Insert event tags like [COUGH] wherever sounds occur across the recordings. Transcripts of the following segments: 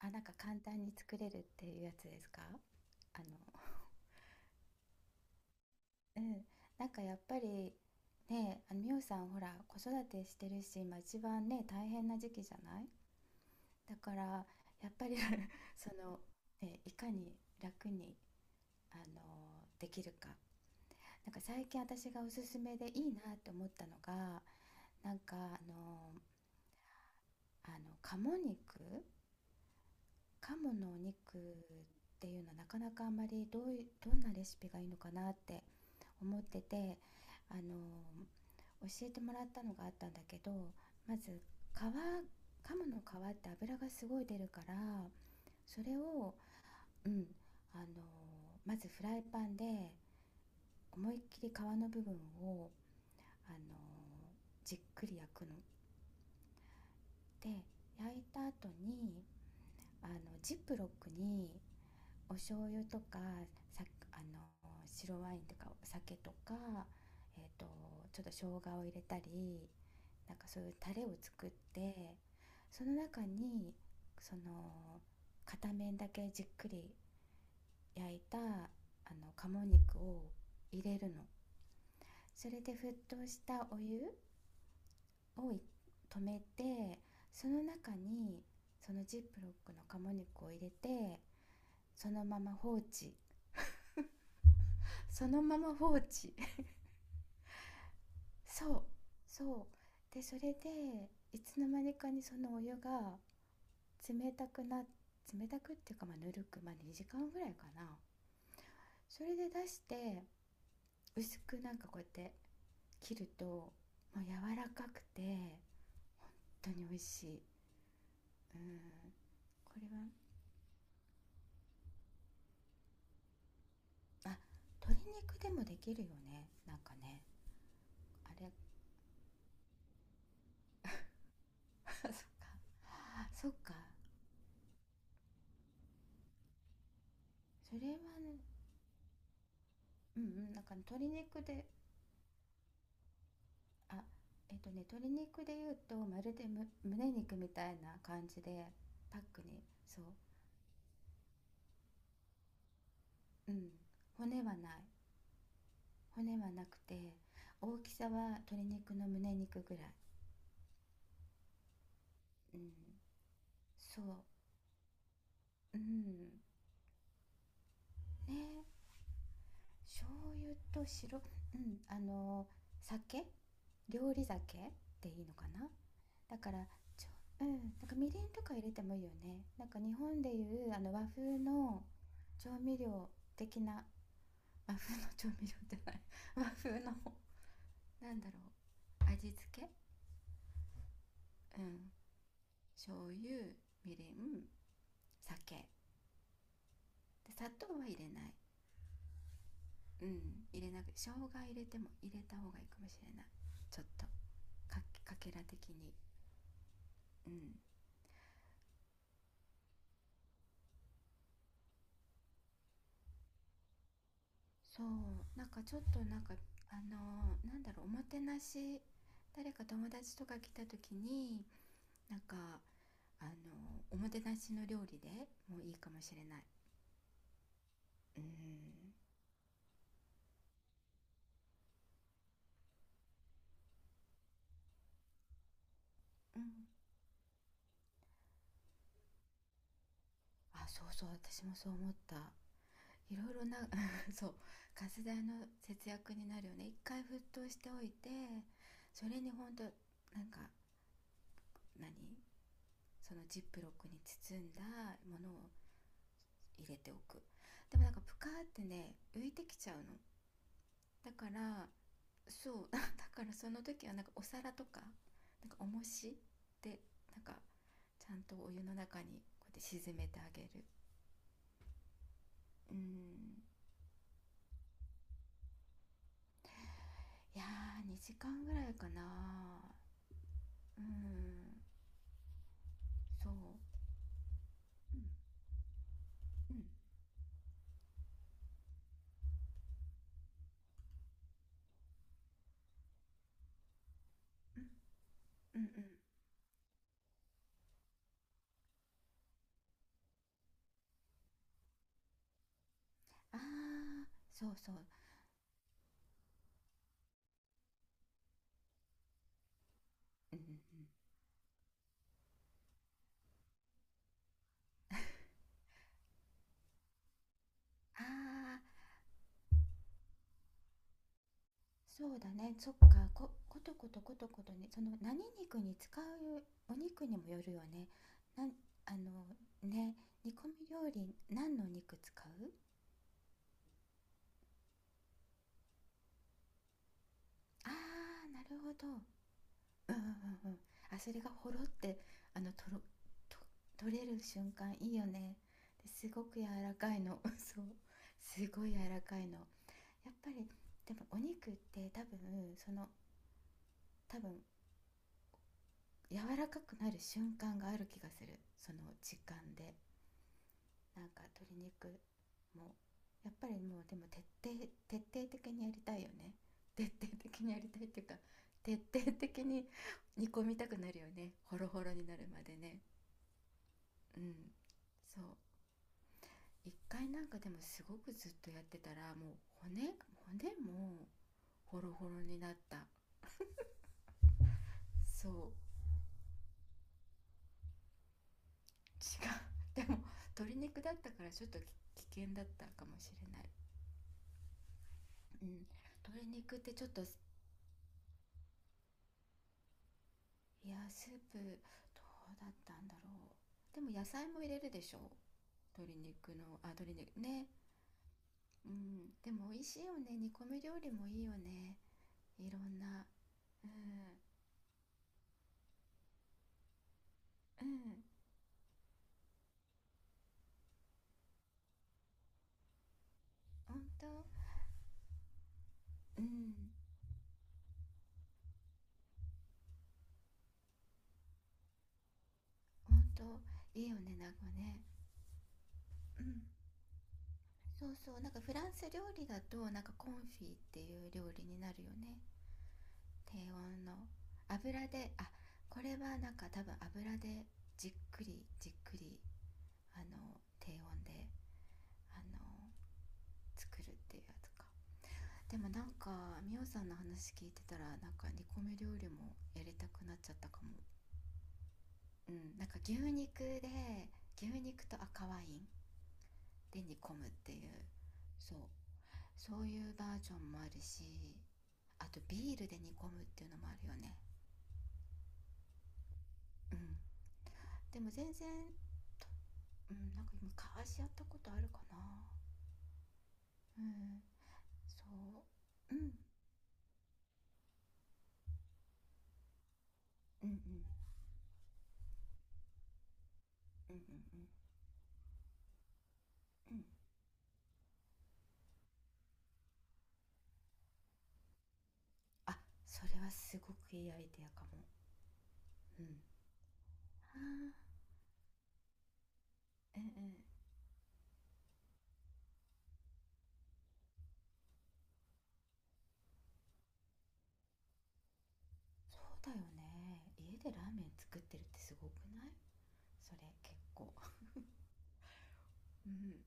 あ、なんか簡単に作れるっていうやつですか？あのうん、なんかやっぱり、ね、美さんほら、子育てしてるし、今一番ね、大変な時期じゃない？だからやっぱり、 [LAUGHS] その、ね、いかに楽に、できるか。なんか最近私がおすすめでいいなと思ったのが、なんかあの鴨肉？鴨のお肉っていうのはなかなかあんまりどういどんなレシピがいいのかなって思ってて、あの教えてもらったのがあったんだけど、まず皮、鴨の皮って油がすごい出るから、それを、うん、あのまずフライパンで思いっきり皮の部分をあのじっくり焼くの。で、焼いた後にあのジップロックにお醤油とか、さあの白ワインとかお酒とか、えー、とちょっと生姜を入れたり、なんかそういうタレを作って、その中に、その、片面だけじっくり焼いたの鴨肉を入れるの。それで沸騰したお湯を止めて、その中にそのジップロックの鴨肉を入れて、そのまま放置。そのまま放置。そう。そで、それでいつの間にかにそのお湯が冷たくな、冷たくっていうか、まあぬるく、まあ2時間ぐらいかな。それで出して、薄くなんかこうやって切ると、もう柔らかくて本当に美味しい。うん。これは、あ、鶏肉でもできるよね、なんかね。あれ、あそっか。それはね、うんうん、なんかね、鶏肉で、あ、えっとね、鶏肉で言うと、まるで胸肉みたいな感じで、パックに、そう、うん、骨はない。骨はなくて、大きさは鶏肉の胸肉ぐらい。うん、そう、うん、ね、醤油と白、うん、酒、料理酒でいいのかな。だから、ちうん、なんかみりんとか入れてもいいよね。なんか日本でいう、あの和風の調味料的な。和風の調味料じゃない [LAUGHS] 和風の、なんだろう、味付け。うん。醤油、みりん、酒で、砂糖は入れない。うん、入れなく、生姜入れても、入れた方がいいかもしれない。ちょっとかけら的に。うん、そう、なんかちょっとなんかなんだろう、おもてなし、誰か友達とか来た時に、なんかおもてなしの料理でもいいかもしれない。うんうん。あ、そうそう、私もそう思った。いろいろな [LAUGHS] そう、ガス代の節約になるよね、一回沸騰しておいて。それに本当、なんか何そのジップロックに包んだものを入れておく。でもなんかプカーってね、浮いてきちゃうの。だから、そう。 [LAUGHS] だからその時はなんかお皿とか、なんか重しで、なんかちゃんとお湯の中にこうやって沈めてあげる。うん、いやー、2時間ぐらいかな。うん、そう。うんうんうんうんうん。ああー、そうそう。うんうんうん。ああー、そうだね。そっか。こことことことことね、その、何肉に使う、お肉にもよるよね。なんあのね、煮込み料理、何の肉使う。ああー、なるほど。うんうんうんうん。あ、それがほろって、とろと取れる瞬間いいよね。ですごく柔らかいの。 [LAUGHS] そう、すごい柔らかいの。やっぱり。でもお肉って多分、その多分柔らかくなる瞬間がある気がする、その時間で。なんか鶏肉もやっぱり。もうでも徹底、徹底的にやりたいよね。徹底的にやりたいっていうか、徹底的に煮込みたくなるよね、ホロホロになるまでね。うん、そう。一回なんかでもすごくずっとやってたら、もう骨、骨もホロホロになった。そう。違う。 [LAUGHS] でも鶏肉だったからちょっと危険だったかもしれない、うん、鶏肉ってちょっと、いや、スープどうだったんだろう。でも野菜も入れるでしょ、鶏肉の、あ、鶏肉ね。うん、でも美味しいよね、煮込み料理もいいよね、いろんな。うんうん。本当。うん、本当いいよね、なんかね。うん、そうそう、なんかフランス料理だと、なんかコンフィっていう料理になるよね。低温の油で、あ、これはなんか多分油でじっくりじっくり、あの低温であの作るっていうやつか。でもなんか、みおさんの話聞いてたら、なんか煮込み料理もやりたくなっちゃったかも。うん。なんか牛肉で、牛肉と赤ワインで煮込むっていう。そう、そういうバージョンもあるし、あとビールで煮込むっていうのもあるよね。うん。でも全然、うん、なんか昔やったことあるかな。うん、そう、うんうんうんうんうんうんうん。あ、それはすごくいいアイデアかも。うん。あー、うんうん。そうだよね、家でラーメン作ってるってすごくない？それ結構。うんうん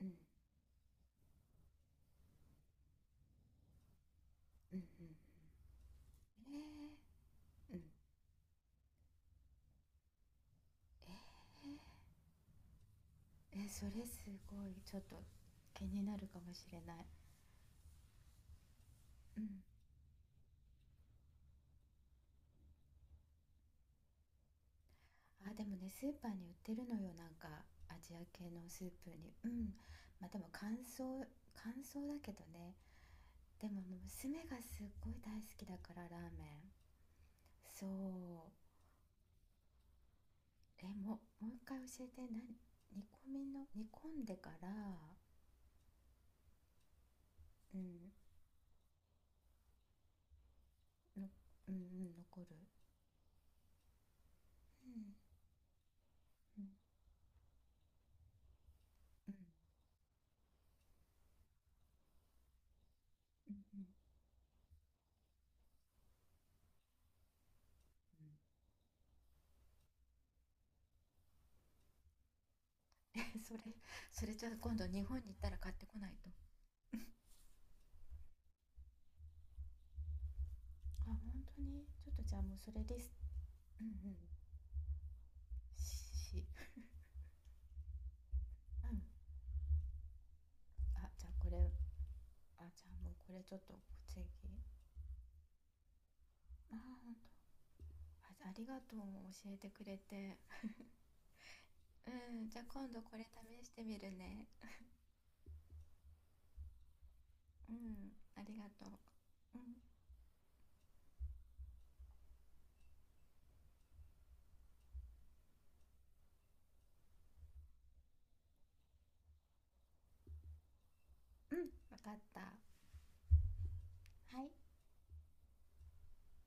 うんうんうん。えー、うん。えー、えそれすごい、ちょっと気になるかもしれない。うん。あ、でもね、スーパーに売ってるのよ、なんかアジア系のスープに。うん。まあでも乾燥、乾燥だけどね。でももう娘がすっごい大好きだから、ラーメン。そう。え、もう一回教えて、何。煮込みの、煮込んでから。うん、の、うんうん、残る。うんうんうんうんうん。うん。え、 [LAUGHS] それ、それじゃあ今度日本に行ったら買ってこないと。あ、本当に、ちょっとじゃあもうそれです。うんうん。しし。うん。あ、じゃあこれ、あ、じゃあもうこれちょっと次。あ、本当、あ、ありがとう、教えてくれて。うん、じゃあ今度これ試してみるね。うん、ありがとう、うんうん、分かった。はい。